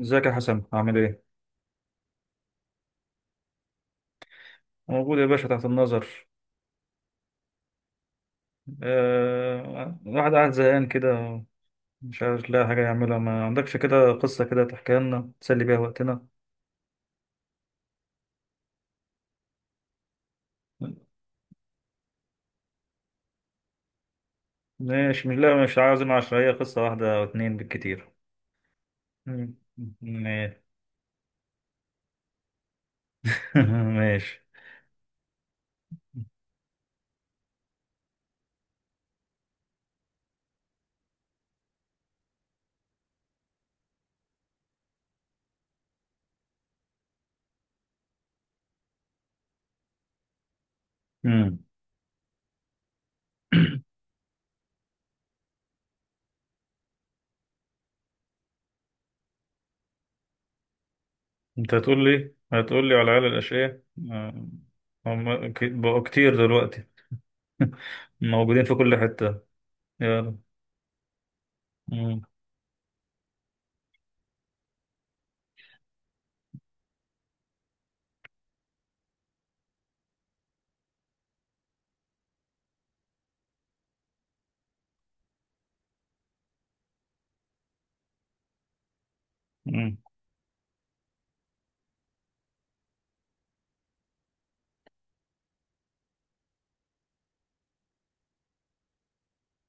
ازيك يا حسن؟ عامل ايه؟ موجود يا باشا، تحت النظر. الواحد قاعد زهقان كده، مش عارف لاقي حاجة يعملها. ما عندكش كده قصة كده تحكيها لنا تسلي بيها وقتنا؟ ماشي، مش عاوز عشرية، قصة واحدة أو اتنين بالكتير. مم. ماشي. ماشي. مم. انت هتقول لي، على العيال الأشقياء. آه، هم بقوا كتير دلوقتي. موجودين في كل حتة. يلا. مم.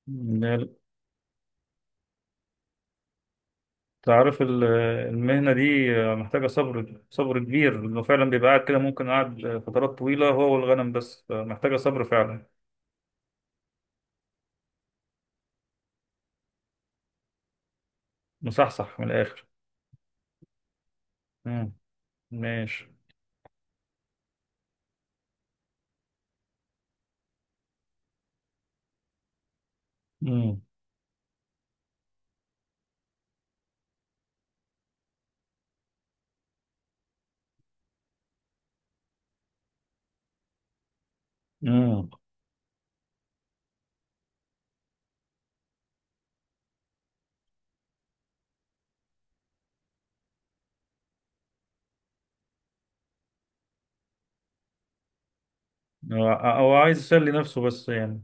مم. تعرف ال- المهنة دي محتاجة صبر صبر كبير، لأنه فعلا بيبقى قاعد كده ممكن قاعد فترات طويلة هو والغنم، بس محتاجة صبر فعلا. مصحصح من الآخر. مم. ماشي. مم. مم. هو عايز يسلي نفسه بس يعني.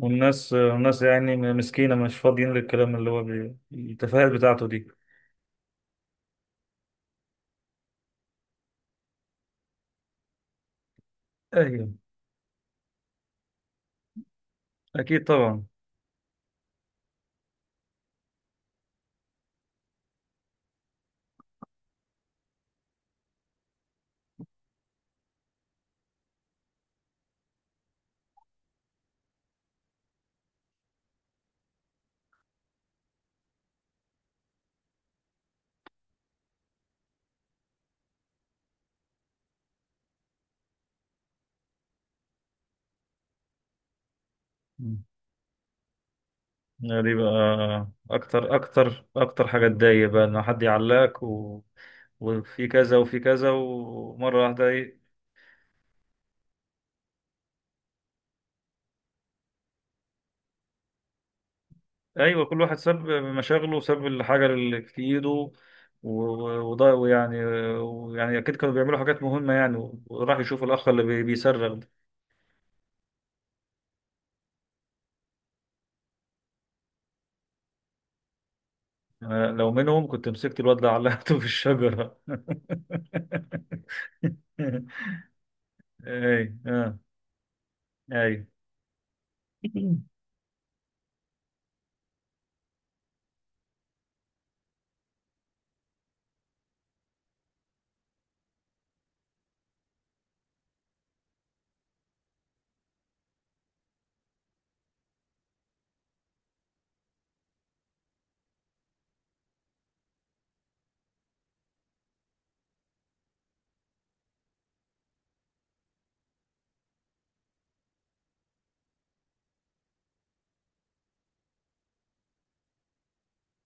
والناس يعني مسكينة، مش فاضيين للكلام التفاهات بتاعته دي. أيوه، أكيد طبعا. مم. دي بقى أكتر حاجة تضايق بقى، إن حد يعلقك. وفي كذا وفي كذا، ومرة واحدة ايه. ايوه، كل واحد ساب مشاغله وساب الحاجة اللي في ايده، وده ويعني ويعني اكيد كانوا بيعملوا حاجات مهمة يعني، وراح يشوف الاخ بيصرخ ده. أنا لو منهم كنت مسكت الواد ده علقته في الشجرة. اي، اه، اي.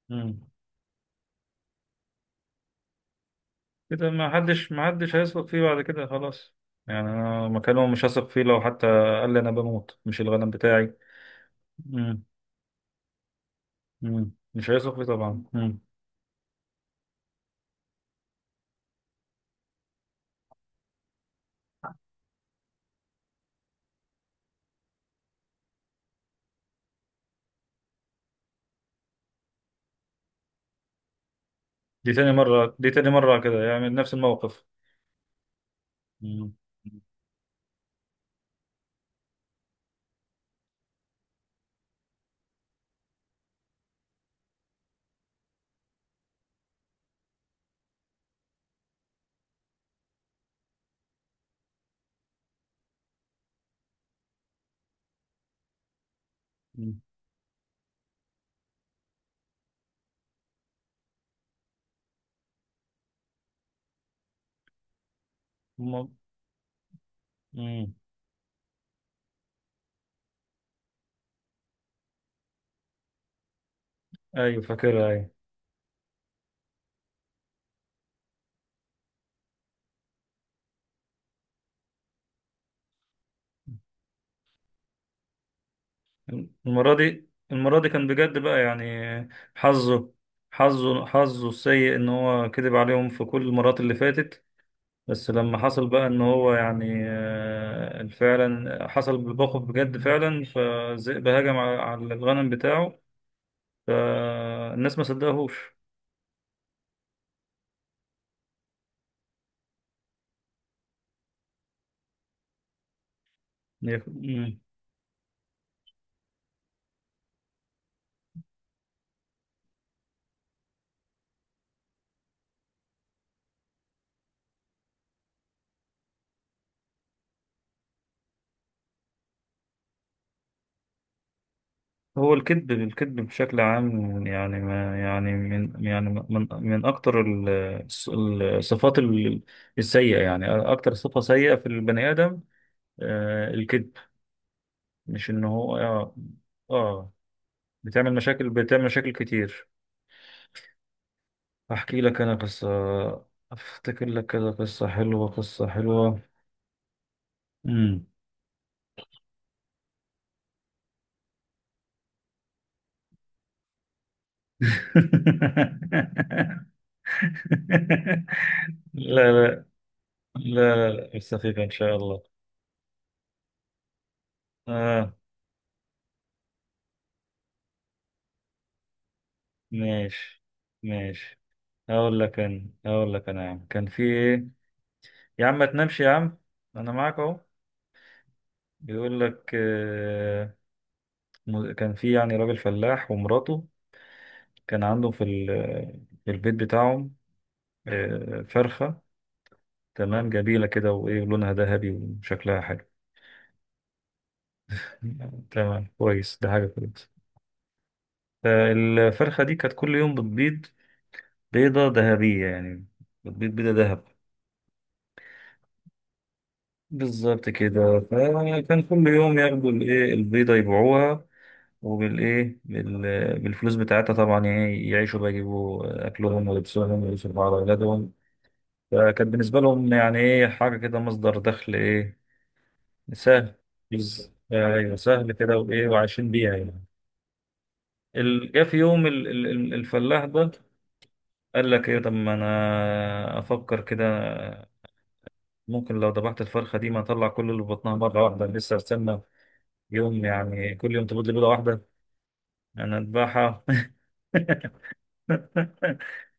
مم. كده ما حدش، ما حدش هيثق فيه بعد كده خلاص. يعني انا مكانهم مش هثق فيه، لو حتى قال لي انا بموت، مش الغنم بتاعي. مم. مش هيثق فيه طبعا. مم. دي تاني مرة كده يعمل نفس الموقف. مم. مم. مم. مم. أيوة فاكرها، أيوة. المرة دي كان بجد بقى يعني. حظه، حظه السيء إن هو كذب عليهم في كل المرات اللي فاتت. بس لما حصل بقى إن هو يعني آه، فعلا حصل بالموقف بجد فعلا، فالذئب هجم على الغنم بتاعه. فالناس ما صدقهوش. هو الكذب، بشكل عام، يعني ما يعني من يعني من من اكتر الص- الصفات السيئه يعني. اكتر صفه سيئه في البني ادم، آه، الكذب. مش ان هو اه اه بتعمل مشاكل، بتعمل مشاكل كتير. احكي لك انا قصه. افتكر لك كده قصه حلوه، قصه حلوه. امم لا، بس خفيفة ان شاء الله. آه. ماشي. ماشي. هقول لك انا، يا عم كان في ايه. يا عم ما تنامش يا عم، انا معاك اهو. بيقول لك آه، كان في يعني راجل فلاح ومراته. كان عندهم في في البيت بتاعهم آه، فرخة، تمام، جميلة كده وايه، لونها ذهبي وشكلها حلو. تمام كويس، ده حاجة كويسة. فالفرخة دي كانت كل يوم بتبيض بيضة ذهبية يعني، بتبيض بيضة ذهب. بالظبط كده. فكان كل يوم ياخدوا الايه، البيضة، يبيعوها، وبالايه، بالفلوس بتاعتها طبعا، يعني يعيشوا بقى، يجيبوا اكلهم ولبسهم ويصرفوا على اولادهم. فكانت بالنسبة لهم يعني ايه، حاجة كده مصدر دخل ايه، سهل. بس ايوه سهل كده وايه، وعايشين بيها يعني. جه في يوم الفلاح ده قال لك ايه، طب ما انا افكر كده، ممكن لو ذبحت الفرخة دي، ما اطلع كل اللي في بطنها مرة واحدة، لسه استنى يوم يعني كل يوم تبيض لي بيضة واحدة، أنا أذبحها.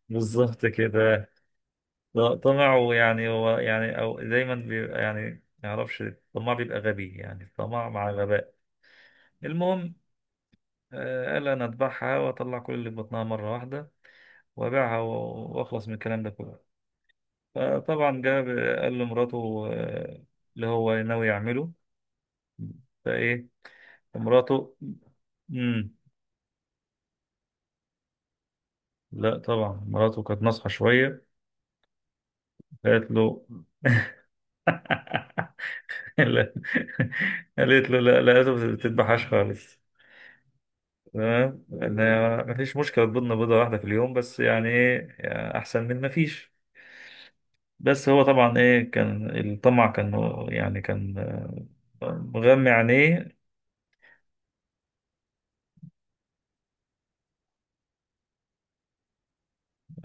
بالظبط كده. طمع، ويعني هو يعني، أو دايما بيبقى يعني، ما يعرفش الطماع بيبقى غبي، يعني الطمع مع غباء. المهم، آه، قال أنا أذبحها وأطلع كل اللي في بطنها مرة واحدة وأبيعها وأخلص من الكلام ده كله. فطبعا جاب، قال لمراته آه، اللي هو ناوي يعمله. فإيه مراته، مم. لا طبعا مراته كانت ناصحة شوية. قالت له لا. قالت له لا، لقيته ما بتذبحهاش خالص. تمام، ان هي ما فيش مشكله تبيضنا بيضه واحده في اليوم بس، يعني ايه، يعني احسن من ما فيش. بس هو طبعا ايه، كان الطمع كان يعني كان آه، مغمى عينيه.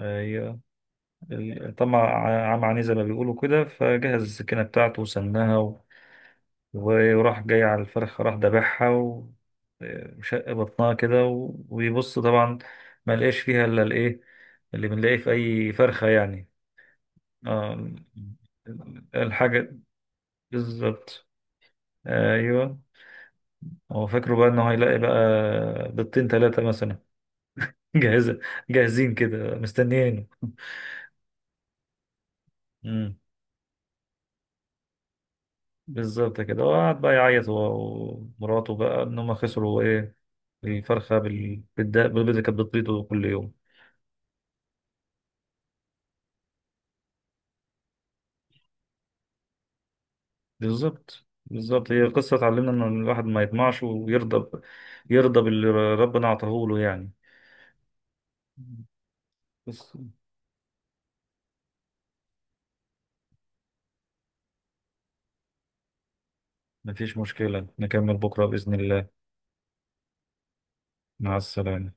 آه، الطمع عمى عينيه زي ما بيقولوا كده. فجهز السكينه بتاعته وسناها، وراح جاي على الفرخة، راح دبحها وشق بطنها كده ويبص طبعا، ما لقاش فيها الا الايه، اللي بنلاقيه في اي فرخة يعني، آه الحاجة. بالظبط. ايوه، هو فاكره بقى انه هيلاقي بقى بيضتين ثلاثة مثلا. جاهزة، جاهزين كده مستنيينه. امم بالظبط كده. وقعد بقى يعيط هو ومراته بقى ان هم خسروا ايه، الفرخة بالبيض اللي كانت بتبيضه كل يوم. بالظبط، بالظبط. هي قصة تعلمنا إن الواحد ما يطمعش ويرضى يرضى باللي ربنا أعطاه له يعني. بس مفيش مشكلة نكمل بكرة بإذن الله. مع السلامة.